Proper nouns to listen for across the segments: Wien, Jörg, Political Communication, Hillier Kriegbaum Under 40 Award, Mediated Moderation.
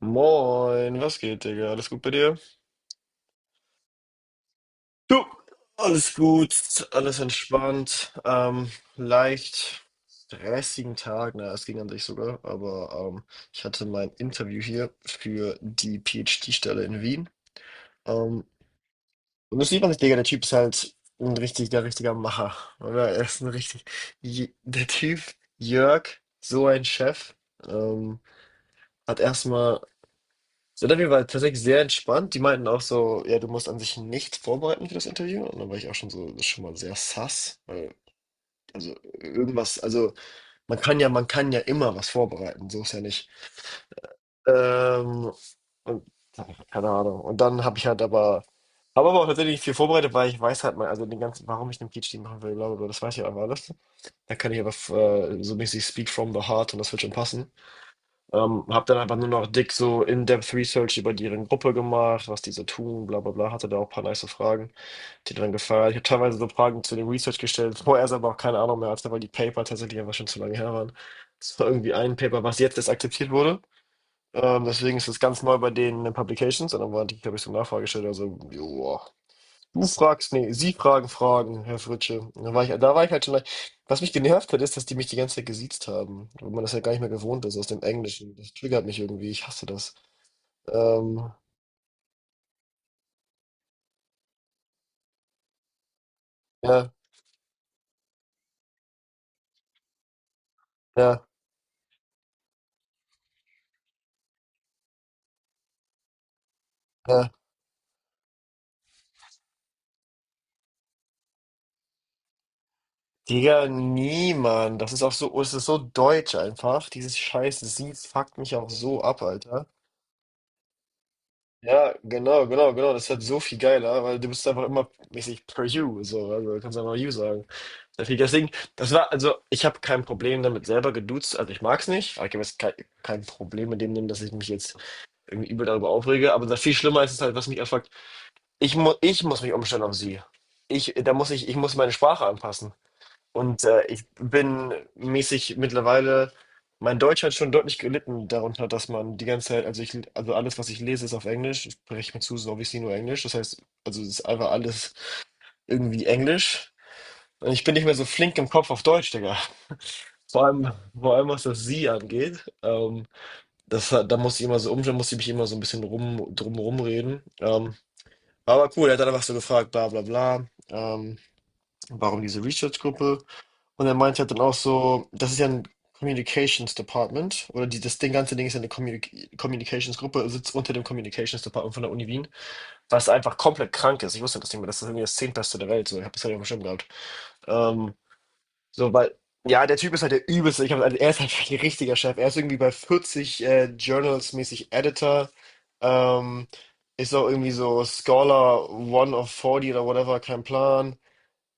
Moin, was geht, Digga? Alles gut bei dir? Du, alles gut, alles entspannt, leicht stressigen Tag, na, es ging an sich sogar, aber ich hatte mein Interview hier für die PhD-Stelle in Wien. Ähm, und das sieht man nicht, Digga, der Typ ist halt ein richtiger, richtiger Macher, oder? Er ist ein richtig, der Typ, Jörg, so ein Chef, ähm, hat erstmal Interview war tatsächlich sehr entspannt. Die meinten auch so, ja, du musst an sich nichts vorbereiten für das Interview. Und dann war ich auch schon so, das ist schon mal sehr sass. Weil, also irgendwas, also man kann ja immer was vorbereiten, so ist ja nicht. Ähm, und keine Ahnung. Und dann habe ich halt aber, habe aber auch tatsächlich viel vorbereitet, weil ich weiß halt mal, also den ganzen, warum ich einen PhD machen will, bla bla bla, das weiß ich einfach alles. Da kann ich aber so mäßig speak from the heart und das wird schon passen. Habe dann einfach nur noch dick so In-Depth Research über deren Gruppe gemacht, was die so tun, bla bla bla. Hatte da auch ein paar nice Fragen, die dann gefallen. Ich habe teilweise so Fragen zu dem Research gestellt, vorher aber auch keine Ahnung mehr hatte, weil die Paper tatsächlich einfach schon zu lange her waren. Es war irgendwie ein Paper, was jetzt erst akzeptiert wurde. Deswegen ist es ganz neu bei denen in den Publications. Und dann war die, glaube ich, so eine Nachfrage gestellt, also, joa. Du fragst, nee, sie fragen Fragen, Herr Fritsche. Und da war ich, da war ich halt schon. Was mich genervt hat, ist, dass die mich die ganze Zeit gesiezt haben. Weil man das ja gar nicht mehr gewohnt ist aus dem Englischen. Das triggert mich irgendwie. Ich hasse das. Ähm, ja, ja, ja. Digga, niemand. Das ist auch so, es ist so deutsch einfach. Dieses scheiß Sie fuckt mich auch so ab, Alter. Ja, genau, genau, genau. Das ist halt so viel geiler, weil du bist einfach immer mäßig per you, so. Also, du kannst einfach you sagen. Der Flieger. Deswegen, das war, also ich habe kein Problem damit selber geduzt, also ich mag's nicht, aber ich habe jetzt kein Problem mit dem nehmen, dass ich mich jetzt irgendwie übel darüber aufrege, aber das viel schlimmer ist es halt, was mich erfragt, ich muss mich umstellen auf sie. Da muss ich muss meine Sprache anpassen. Und ich bin mäßig mittlerweile, mein Deutsch hat schon deutlich gelitten darunter, dass man die ganze Zeit, also ich, also alles, was ich lese, ist auf Englisch, ich spreche mir zu, so wie ich sie nur Englisch, das heißt, also es ist einfach alles irgendwie Englisch. Und ich bin nicht mehr so flink im Kopf auf Deutsch, Digga. Vor allem, vor allem was das Sie angeht, das, da muss ich immer so um, da muss ich mich immer so ein bisschen drum rumreden. Aber cool, er hat dann einfach so gefragt, bla bla bla, warum diese Research-Gruppe? Und er meinte halt dann auch so, das ist ja ein Communications Department oder die, das Ding, ganze Ding ist ja eine Communications-Gruppe, sitzt unter dem Communications Department von der Uni Wien, was einfach komplett krank ist. Ich wusste das nicht mehr, das ist irgendwie das Zehntbeste der Welt, so, ich habe das ja nicht auf dem Schirm gehabt. Ähm, so, weil, ja, der Typ ist halt der übelste. Ich hab, also, er ist halt wirklich ein richtiger Chef. Er ist irgendwie bei 40 Journals mäßig Editor. Ähm, ist auch irgendwie so Scholar One of 40 oder whatever, kein Plan.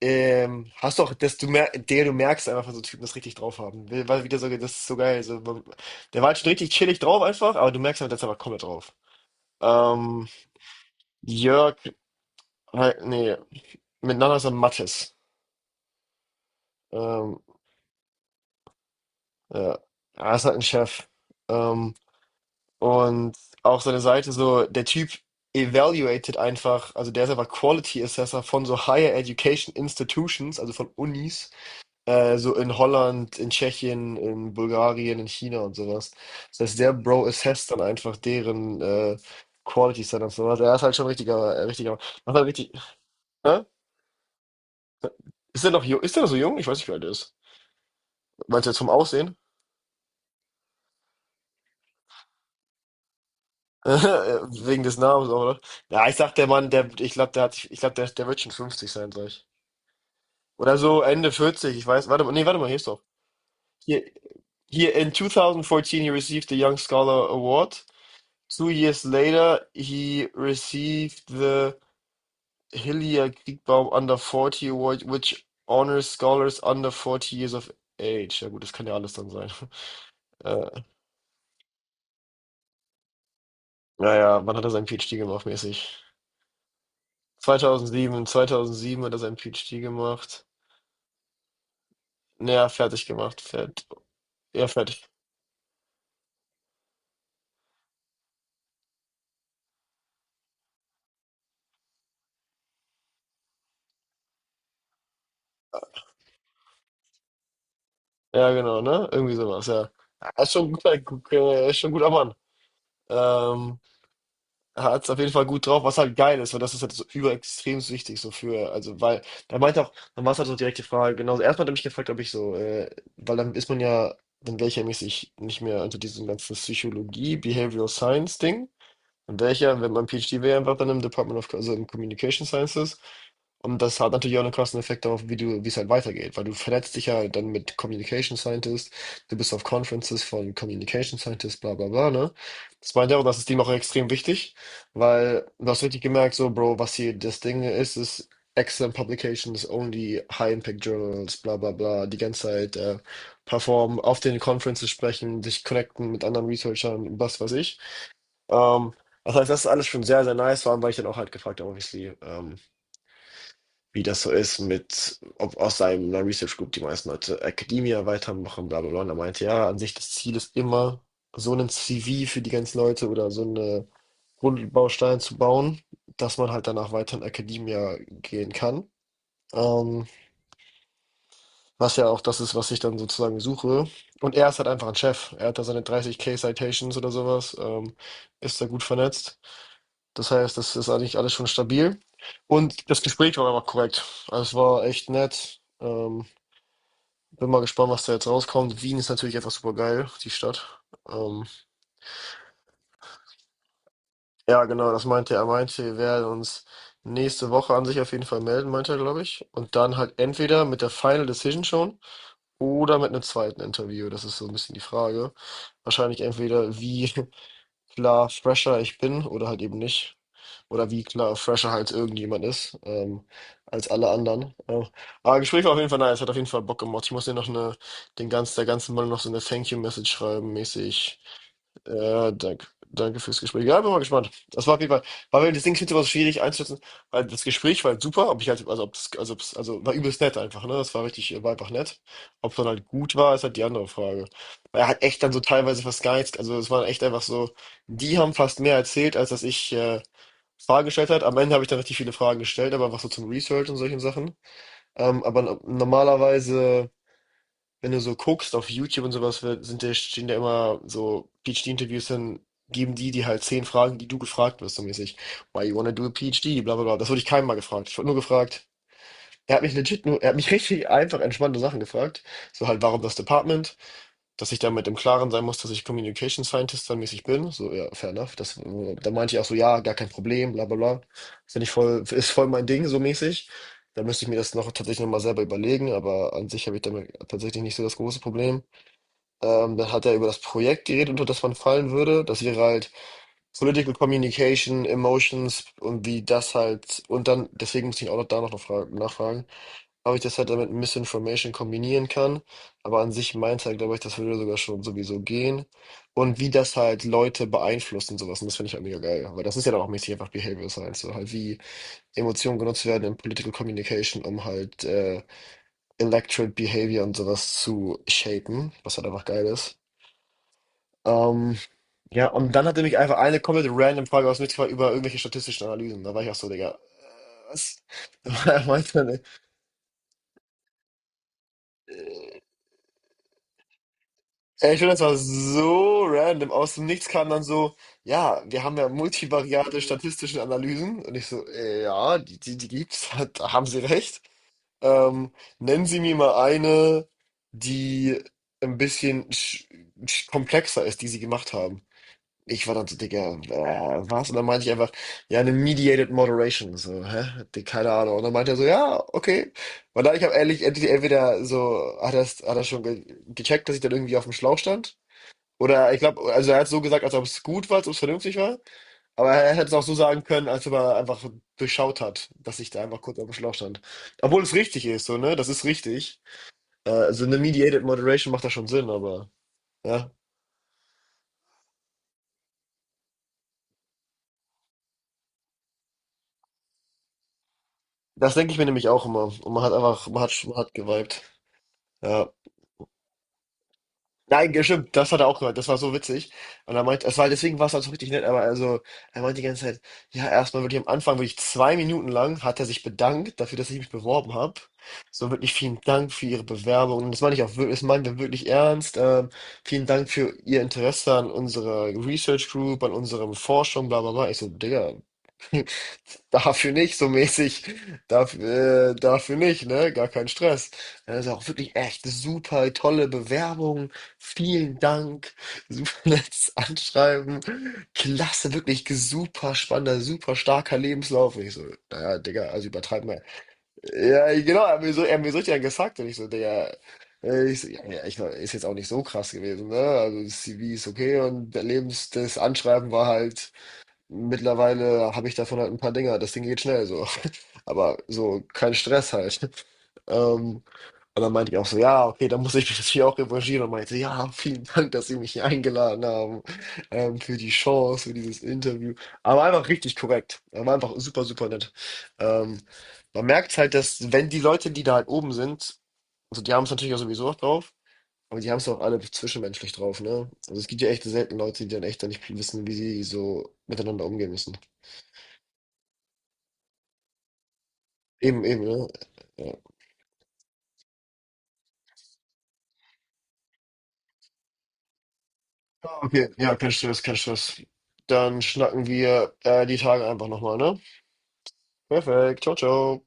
Hast doch, dass du merkst einfach, dass so Typen das richtig drauf haben. Weil wieder so, das ist so geil. So, der war halt schon richtig chillig drauf einfach, aber du merkst halt, dass er aber komplett drauf. Ähm, Jörg, halt, nee, miteinander ist er Mattes. Ähm, ja, er ist halt ein Chef. Ähm, Und auch seine Seite so, der Typ evaluated einfach, also der ist einfach Quality Assessor von so Higher Education Institutions, also von Unis, so in Holland, in Tschechien, in Bulgarien, in China und sowas. Das heißt, der Bro assesst dann einfach deren Quality Standards und sowas. Er ist halt schon ein richtiger, richtiger, macht halt richtig, hä? Ist der noch jung? Ist der noch so jung? Ich weiß nicht, wie alt er ist. Meinst du jetzt vom Aussehen? Wegen des Namens, auch, oder? Ja, ich sag, der Mann, der, ich glaube, der hat, ich glaube, der wird schon 50 sein, sag ich. Oder so Ende 40, ich weiß. Warte mal, nee, warte mal, hier ist doch. Hier, hier in 2014 he received the Young Scholar Award. Two years later he received the Hillier Kriegbaum Under 40 Award, which honors scholars under 40 years of age. Ja gut, das kann ja alles dann sein. Äh, naja, wann hat er seinen PhD gemacht, mäßig? 2007, 2007 hat er seinen PhD gemacht. Naja, fertig gemacht. Fert ja, fertig. Ja, genau, ne? Irgendwie sowas, ja. Er ist schon ein guter, ist schon ein guter Mann. Ähm, er hat es auf jeden Fall gut drauf, was halt geil ist, weil das ist halt so überextrem wichtig, so für, also, weil, er meinte auch, dann war es halt so direkte Frage, genau also erstmal hat er mich gefragt, ob ich so, weil dann ist man ja, dann wäre ich ja mäßig nicht mehr unter diesem ganzen Psychologie, Behavioral Science Ding und wäre ich ja, wenn mein PhD wäre einfach dann im Department of, also im Communication Sciences. Und das hat natürlich auch einen krassen Effekt darauf, wie du, wie es halt weitergeht, weil du vernetzt dich ja dann mit Communication Scientists, du bist auf Conferences von Communication Scientists, bla bla bla, ne? Das meint er auch, das ist dem auch extrem wichtig, weil du hast richtig gemerkt, so, Bro, was hier das Ding ist, ist excellent publications, only high impact journals, bla bla bla, die ganze Zeit performen, auf den Conferences sprechen, dich connecten mit anderen Researchern, was weiß ich. Ähm, das heißt, das ist alles schon sehr, sehr nice, vor allem, weil ich dann auch halt gefragt habe, obviously, wie das so ist mit, ob aus seinem einer Research Group die meisten Leute Academia weitermachen, bla bla bla. Und er meinte, ja, an sich das Ziel ist immer, so einen CV für die ganzen Leute oder so eine Grundbaustein zu bauen, dass man halt danach weiter in Academia gehen kann. Ähm, was ja auch das ist, was ich dann sozusagen suche. Und er ist halt einfach ein Chef. Er hat da seine 30K Citations oder sowas, ist da gut vernetzt. Das heißt, das ist eigentlich alles schon stabil. Und das Gespräch war aber korrekt. Also es war echt nett. Bin mal gespannt, was da jetzt rauskommt. Wien ist natürlich einfach super geil, die Stadt. Ähm, ja, genau, das meinte er. Er meinte, wir werden uns nächste Woche an sich auf jeden Fall melden, meinte er, glaube ich. Und dann halt entweder mit der Final Decision schon oder mit einem zweiten Interview. Das ist so ein bisschen die Frage. Wahrscheinlich entweder wie klar fresher ich bin oder halt eben nicht. Oder wie klar fresher halt irgendjemand ist, als alle anderen. Aber Gespräch war auf jeden Fall nice, hat auf jeden Fall Bock gemacht. Ich muss dir noch eine, den ganz, der ganzen Mann noch so eine Thank You-Message schreiben, mäßig. Ja, danke. Danke fürs Gespräch. Ja, bin mal gespannt. Das war auf jeden Fall, war mir das Ding ich find's immer so schwierig einzuschätzen, weil das Gespräch war halt super, ob ich halt, also ob das, also, also war übelst nett einfach, ne? Das war richtig, war einfach nett. Ob es dann halt gut war, ist halt die andere Frage. Weil er hat echt dann so teilweise fast gar nichts, also es war echt einfach so, die haben fast mehr erzählt, als dass ich Fragen gestellt hat. Am Ende habe ich dann richtig viele Fragen gestellt, aber was so zum Research und solchen Sachen. Aber normalerweise, wenn du so guckst auf YouTube und sowas, stehen da immer so PhD-Interviews, dann geben die dir halt 10 Fragen, die du gefragt wirst, so mäßig. Why you wanna do a PhD? Bla bla bla. Das wurde ich keinem mal gefragt. Ich wurde nur gefragt. Er hat mich legit nur, er hat mich richtig einfach entspannte Sachen gefragt. So halt, warum das Department? Dass ich damit im Klaren sein muss, dass ich Communication Scientist dann mäßig bin. So, ja, fair enough. Da meinte ich auch so, ja, gar kein Problem, bla bla bla. Finde ich voll, ist voll mein Ding, so mäßig. Da müsste ich mir das noch tatsächlich nochmal selber überlegen, aber an sich habe ich damit tatsächlich nicht so das große Problem. Dann hat er über das Projekt geredet, unter das man fallen würde. Das wäre halt Political Communication, Emotions und wie das halt, und dann, deswegen muss ich auch noch da noch nachfragen, ob ich das halt damit Misinformation kombinieren kann. Aber an sich meinte er, glaube ich, das würde sogar schon sowieso gehen. Und wie das halt Leute beeinflusst und sowas. Und das finde ich halt mega geil. Weil das ist ja dann auch mäßig einfach Behavioral Science. So halt wie Emotionen genutzt werden in Political Communication, um halt Electorate Behavior und sowas zu shapen. Was halt einfach geil ist. Ähm, ja, und dann hat er mich einfach eine komplett random Frage aus dem Nichts gefragt über irgendwelche statistischen Analysen. Da war ich auch so, Digga, was? Er meinte dann: Ey, ich finde, das war so random. Aus dem Nichts kam dann so, ja, wir haben ja multivariate statistische Analysen. Und ich so, ja, die gibt's, da haben Sie recht. Ähm, nennen Sie mir mal eine, die ein bisschen sch sch komplexer ist, die Sie gemacht haben. Ich war dann so, Digga, was? Und dann meinte ich einfach, ja, eine Mediated Moderation. So, hä? Keine Ahnung. Und dann meinte er so, ja, okay. Weil dann, ich habe ehrlich, entweder so, hat er schon ge gecheckt, dass ich dann irgendwie auf dem Schlauch stand. Oder ich glaube, also er hat so gesagt, als ob es gut war, als ob es vernünftig war. Aber er hätte es auch so sagen können, als ob er einfach durchschaut hat, dass ich da einfach kurz auf dem Schlauch stand. Obwohl es richtig ist, so, ne? Das ist richtig. Also eine Mediated Moderation macht da schon Sinn, aber ja. Das denke ich mir nämlich auch immer. Und man hat einfach, man hat geweibt. Ja. Nein, gestimmt, das hat er auch gehört. Das war so witzig. Und er meint, es war, deswegen war es halt so richtig nett, aber also, er meint die ganze Zeit, ja, erstmal wirklich am Anfang, wirklich zwei Minuten lang, hat er sich bedankt dafür, dass ich mich beworben habe. So wirklich vielen Dank für Ihre Bewerbung. Und das meine ich auch wirklich, das meinen wir wirklich ernst. Vielen Dank für Ihr Interesse an unserer Research Group, an unserem Forschung, bla bla bla. Ich so, Digga, dafür nicht, so mäßig. Dafür, dafür nicht, ne? Gar kein Stress. Ja, das ist auch wirklich echt super tolle Bewerbung. Vielen Dank. Super nettes Anschreiben. Klasse, wirklich super spannender, super starker Lebenslauf. Und ich so, naja, Digga, also übertreib mal. Ja, genau, er hat mir so richtig einen gesagt. Und ich so, Digga, ich, so, ich war, ist jetzt auch nicht so krass gewesen, ne? Also das CV ist okay und der Lebens, das Anschreiben war halt. Mittlerweile habe ich davon halt ein paar Dinger. Das Ding geht schnell so. Aber so kein Stress halt. Ähm, und dann meinte ich auch so, ja, okay, dann muss ich mich natürlich auch revanchieren. Und meinte, ja, vielen Dank, dass Sie mich hier eingeladen haben, für die Chance, für dieses Interview. Aber einfach richtig korrekt. Er war einfach super, super nett. Ähm, man merkt halt, dass wenn die Leute, die da halt oben sind, also die haben es natürlich auch sowieso auch drauf, aber die haben es auch alle zwischenmenschlich drauf, ne? Also es gibt ja echt selten Leute, die dann echt dann nicht wissen, wie sie so miteinander umgehen müssen. Eben, eben, ne? Ja. Okay, ja, kein Stress, kein Stress. Dann schnacken wir die Tage einfach nochmal, ne? Perfekt, ciao, ciao.